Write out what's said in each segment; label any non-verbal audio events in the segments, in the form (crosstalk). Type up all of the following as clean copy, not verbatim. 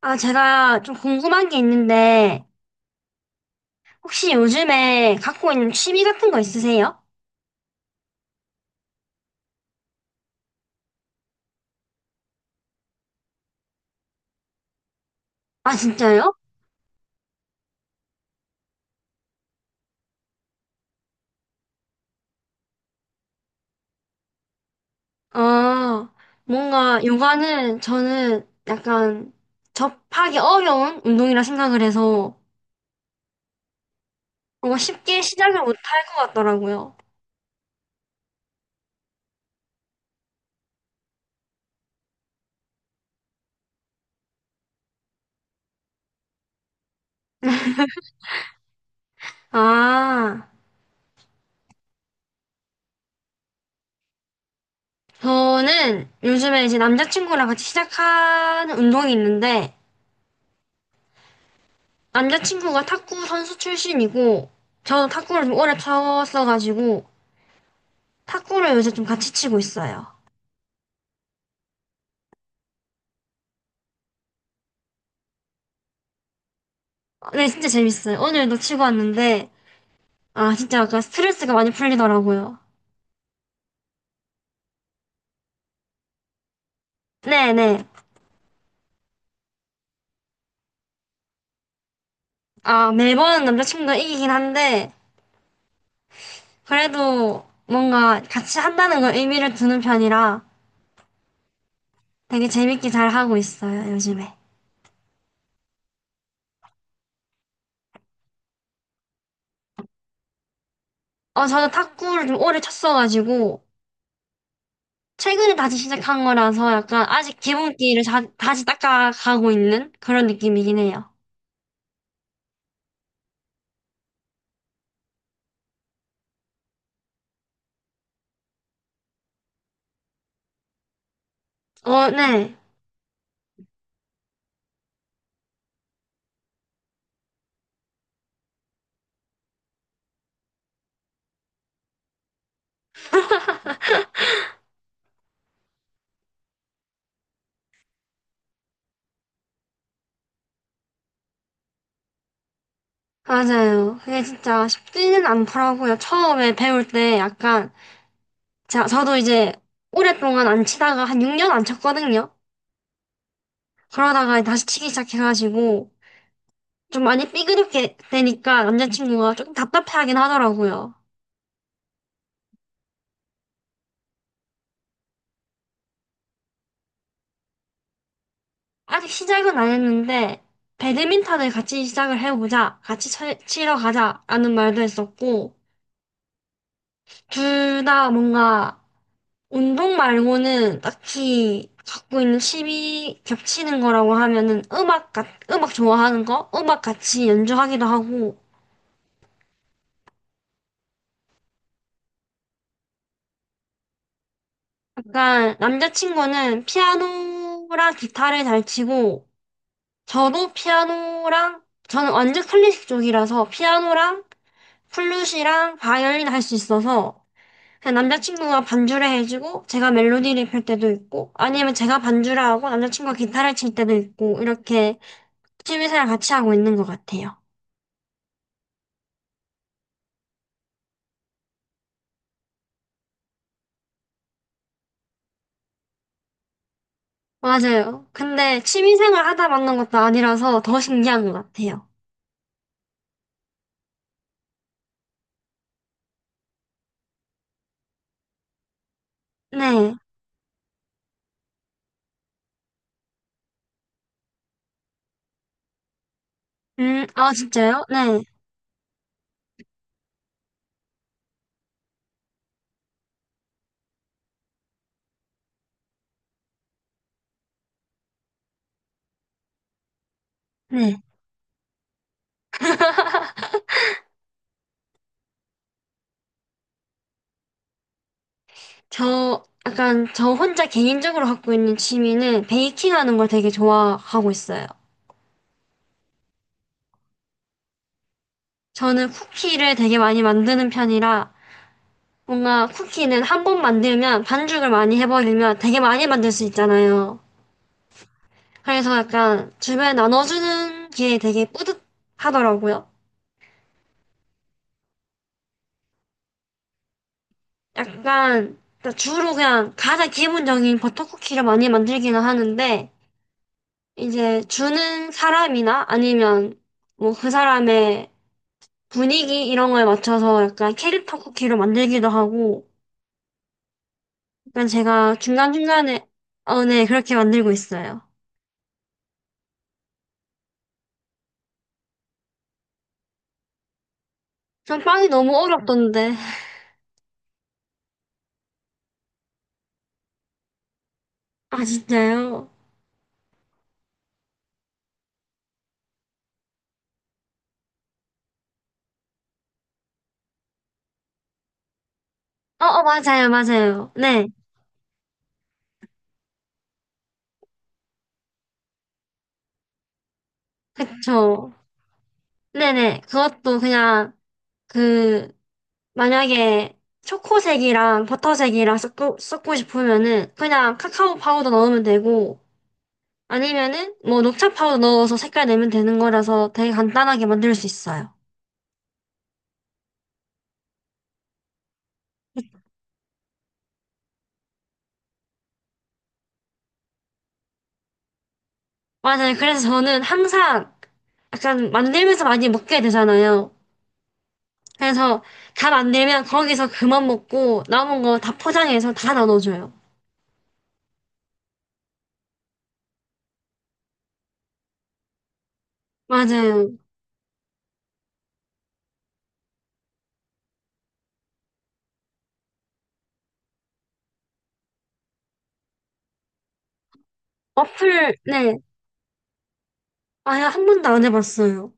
아, 제가 좀 궁금한 게 있는데, 혹시 요즘에 갖고 있는 취미 같은 거 있으세요? 아, 진짜요? 아, 뭔가 요가는 저는 약간 접하기 어려운 운동이라 생각을 해서 뭔가 쉽게 시작을 못 할 것 같더라고요. 아, 저는 요즘에 이제 남자친구랑 같이 시작하는 운동이 있는데, 남자친구가 탁구 선수 출신이고, 저도 탁구를 좀 오래 쳤어가지고, 탁구를 요새 좀 같이 치고 있어요. 아, 네, 진짜 재밌어요. 오늘도 치고 왔는데, 아, 진짜 약간 스트레스가 많이 풀리더라고요. 네네. 아, 매번 남자친구가 이기긴 한데, 그래도 뭔가 같이 한다는 걸 의미를 두는 편이라 되게 재밌게 잘 하고 있어요, 요즘에. 어, 저는 탁구를 좀 오래 쳤어가지고, 최근에 다시 시작한 거라서 약간 아직 기본기를 다시 닦아가고 있는 그런 느낌이긴 해요. 어, 네. 맞아요. 그게 진짜 쉽지는 않더라고요. 처음에 배울 때 약간, 자, 저도 이제 오랫동안 안 치다가 한 6년 안 쳤거든요. 그러다가 다시 치기 시작해가지고, 좀 많이 삐그덕게 되니까 남자친구가 조금 답답해하긴 하더라고요. 아직 시작은 안 했는데, 배드민턴을 같이 시작을 해보자, 같이 치러 가자라는 말도 했었고, 둘 다 뭔가 운동 말고는 딱히 갖고 있는 취미 겹치는 거라고 하면은 음악, 음악 좋아하는 거? 음악 같이 연주하기도 하고. 약간 남자친구는 피아노랑 기타를 잘 치고, 저도 피아노랑, 저는 완전 클래식 쪽이라서 피아노랑 플룻이랑 바이올린 할 수 있어서, 그냥 남자친구가 반주를 해주고, 제가 멜로디를 펼 때도 있고, 아니면 제가 반주를 하고 남자친구가 기타를 칠 때도 있고, 이렇게 취미생활 같이 하고 있는 것 같아요. 맞아요. 근데 취미생활 하다 만난 것도 아니라서 더 신기한 것 같아요. 네. 아, 진짜요? 네. 네. 저, 약간, 저 혼자 개인적으로 갖고 있는 취미는 베이킹 하는 걸 되게 좋아하고 있어요. 저는 쿠키를 되게 많이 만드는 편이라, 뭔가 쿠키는 한 번 만들면 반죽을 많이 해버리면 되게 많이 만들 수 있잖아요. 그래서 약간 주변에 나눠주는 게 되게 뿌듯하더라고요. 약간 그러니까 주로 그냥 가장 기본적인 버터쿠키를 많이 만들기는 하는데 이제 주는 사람이나 아니면 뭐 그 사람의 분위기 이런 거에 맞춰서 약간 캐릭터 쿠키를 만들기도 하고 약간 제가 중간중간에 어, 네 그렇게 만들고 있어요. 전 빵이 너무 어렵던데. 아 진짜요? 어, 어 맞아요 맞아요. 네 그쵸. 네네 그것도 그냥 그 만약에 초코색이랑 버터색이랑 섞고 싶으면은 그냥 카카오 파우더 넣으면 되고 아니면은 뭐 녹차 파우더 넣어서 색깔 내면 되는 거라서 되게 간단하게 만들 수 있어요. 맞아요. 그래서 저는 항상 약간 만들면서 많이 먹게 되잖아요. 그래서 다 만들면 거기서 그만 먹고 남은 거 다 포장해서 다 나눠줘요. 맞아요. 어플, 네. 아예 한 번도 안 해봤어요.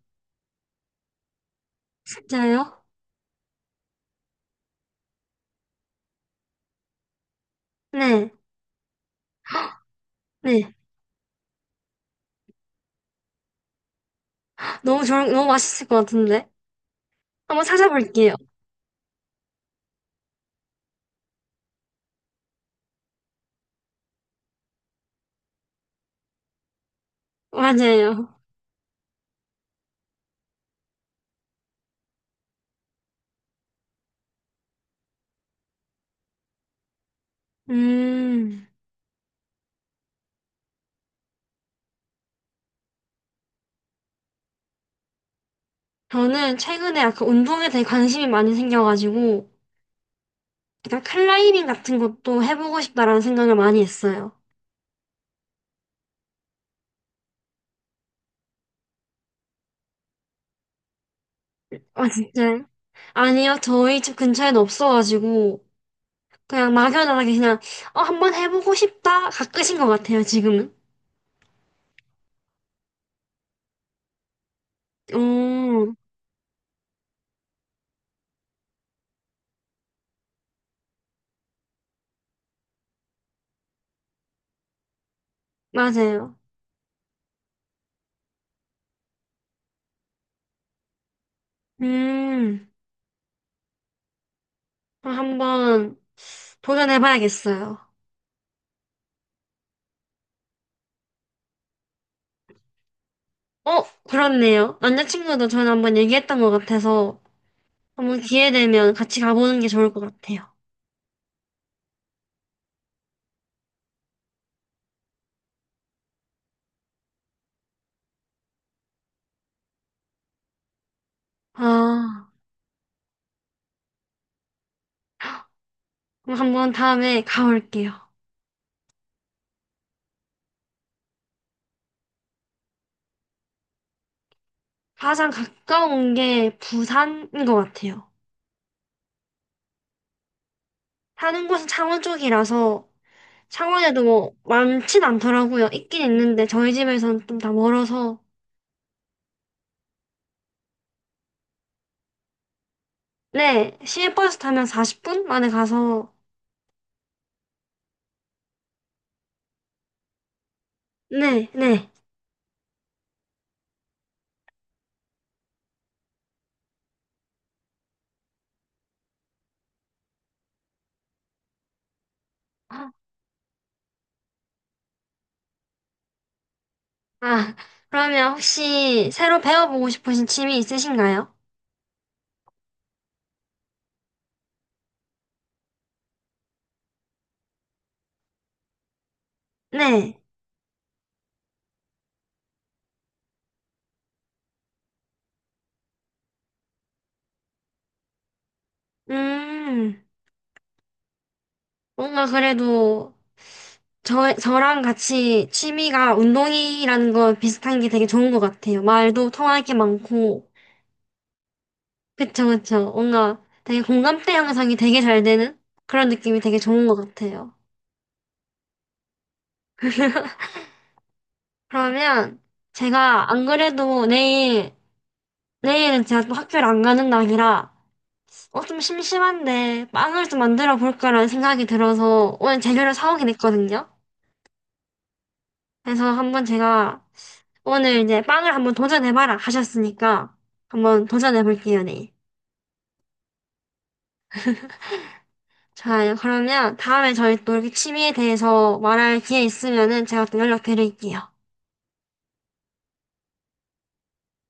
진짜요? 네. 네. 너무 좋은, 너무 맛있을 것 같은데. 한번 찾아볼게요. 맞아요. 음, 저는 최근에 약간 운동에 대해 관심이 많이 생겨가지고, 약간 클라이밍 같은 것도 해보고 싶다라는 생각을 많이 했어요. 아, 진짜요? 아니요, 저희 집 근처에는 없어가지고, 그냥 막연하게 그냥, 어, 한번 해보고 싶다? 가끔인 것 같아요, 지금은. 오, 맞아요. 음, 어, 한번 도전해봐야겠어요. 어, 그렇네요. 남자친구도 저는 한번 얘기했던 것 같아서, 한 번 기회 되면 같이 가보는 게 좋을 것 같아요. 아, 그럼 한 번 다음에 가볼게요. 가장 가까운 게 부산인 것 같아요. 사는 곳은 창원 쪽이라서 창원에도 뭐 많진 않더라고요. 있긴 있는데 저희 집에서는 좀 다 멀어서 네, 시외버스 타면 40분 만에 가서 네, 네. 아, 그러면 혹시 새로 배워보고 싶으신 취미 있으신가요? 네. 음, 뭔가 그래도 저, 저랑 같이 취미가 운동이라는 거 비슷한 게 되게 좋은 것 같아요. 말도 통할 게 많고. 그쵸, 그쵸. 뭔가 되게 공감대 형성이 되게 잘 되는 그런 느낌이 되게 좋은 것 같아요. (laughs) 그러면 제가 안 그래도 내일, 내일은 제가 또 학교를 안 가는 날이라 어, 좀 심심한데 빵을 좀 만들어 볼까라는 생각이 들어서 오늘 재료를 사오긴 했거든요. 그래서 한번 제가 오늘 이제 빵을 한번 도전해봐라 하셨으니까 한번 도전해볼게요, 네. 자, 그러면 다음에 저희 또 이렇게 취미에 대해서 말할 기회 있으면은 제가 또 연락드릴게요.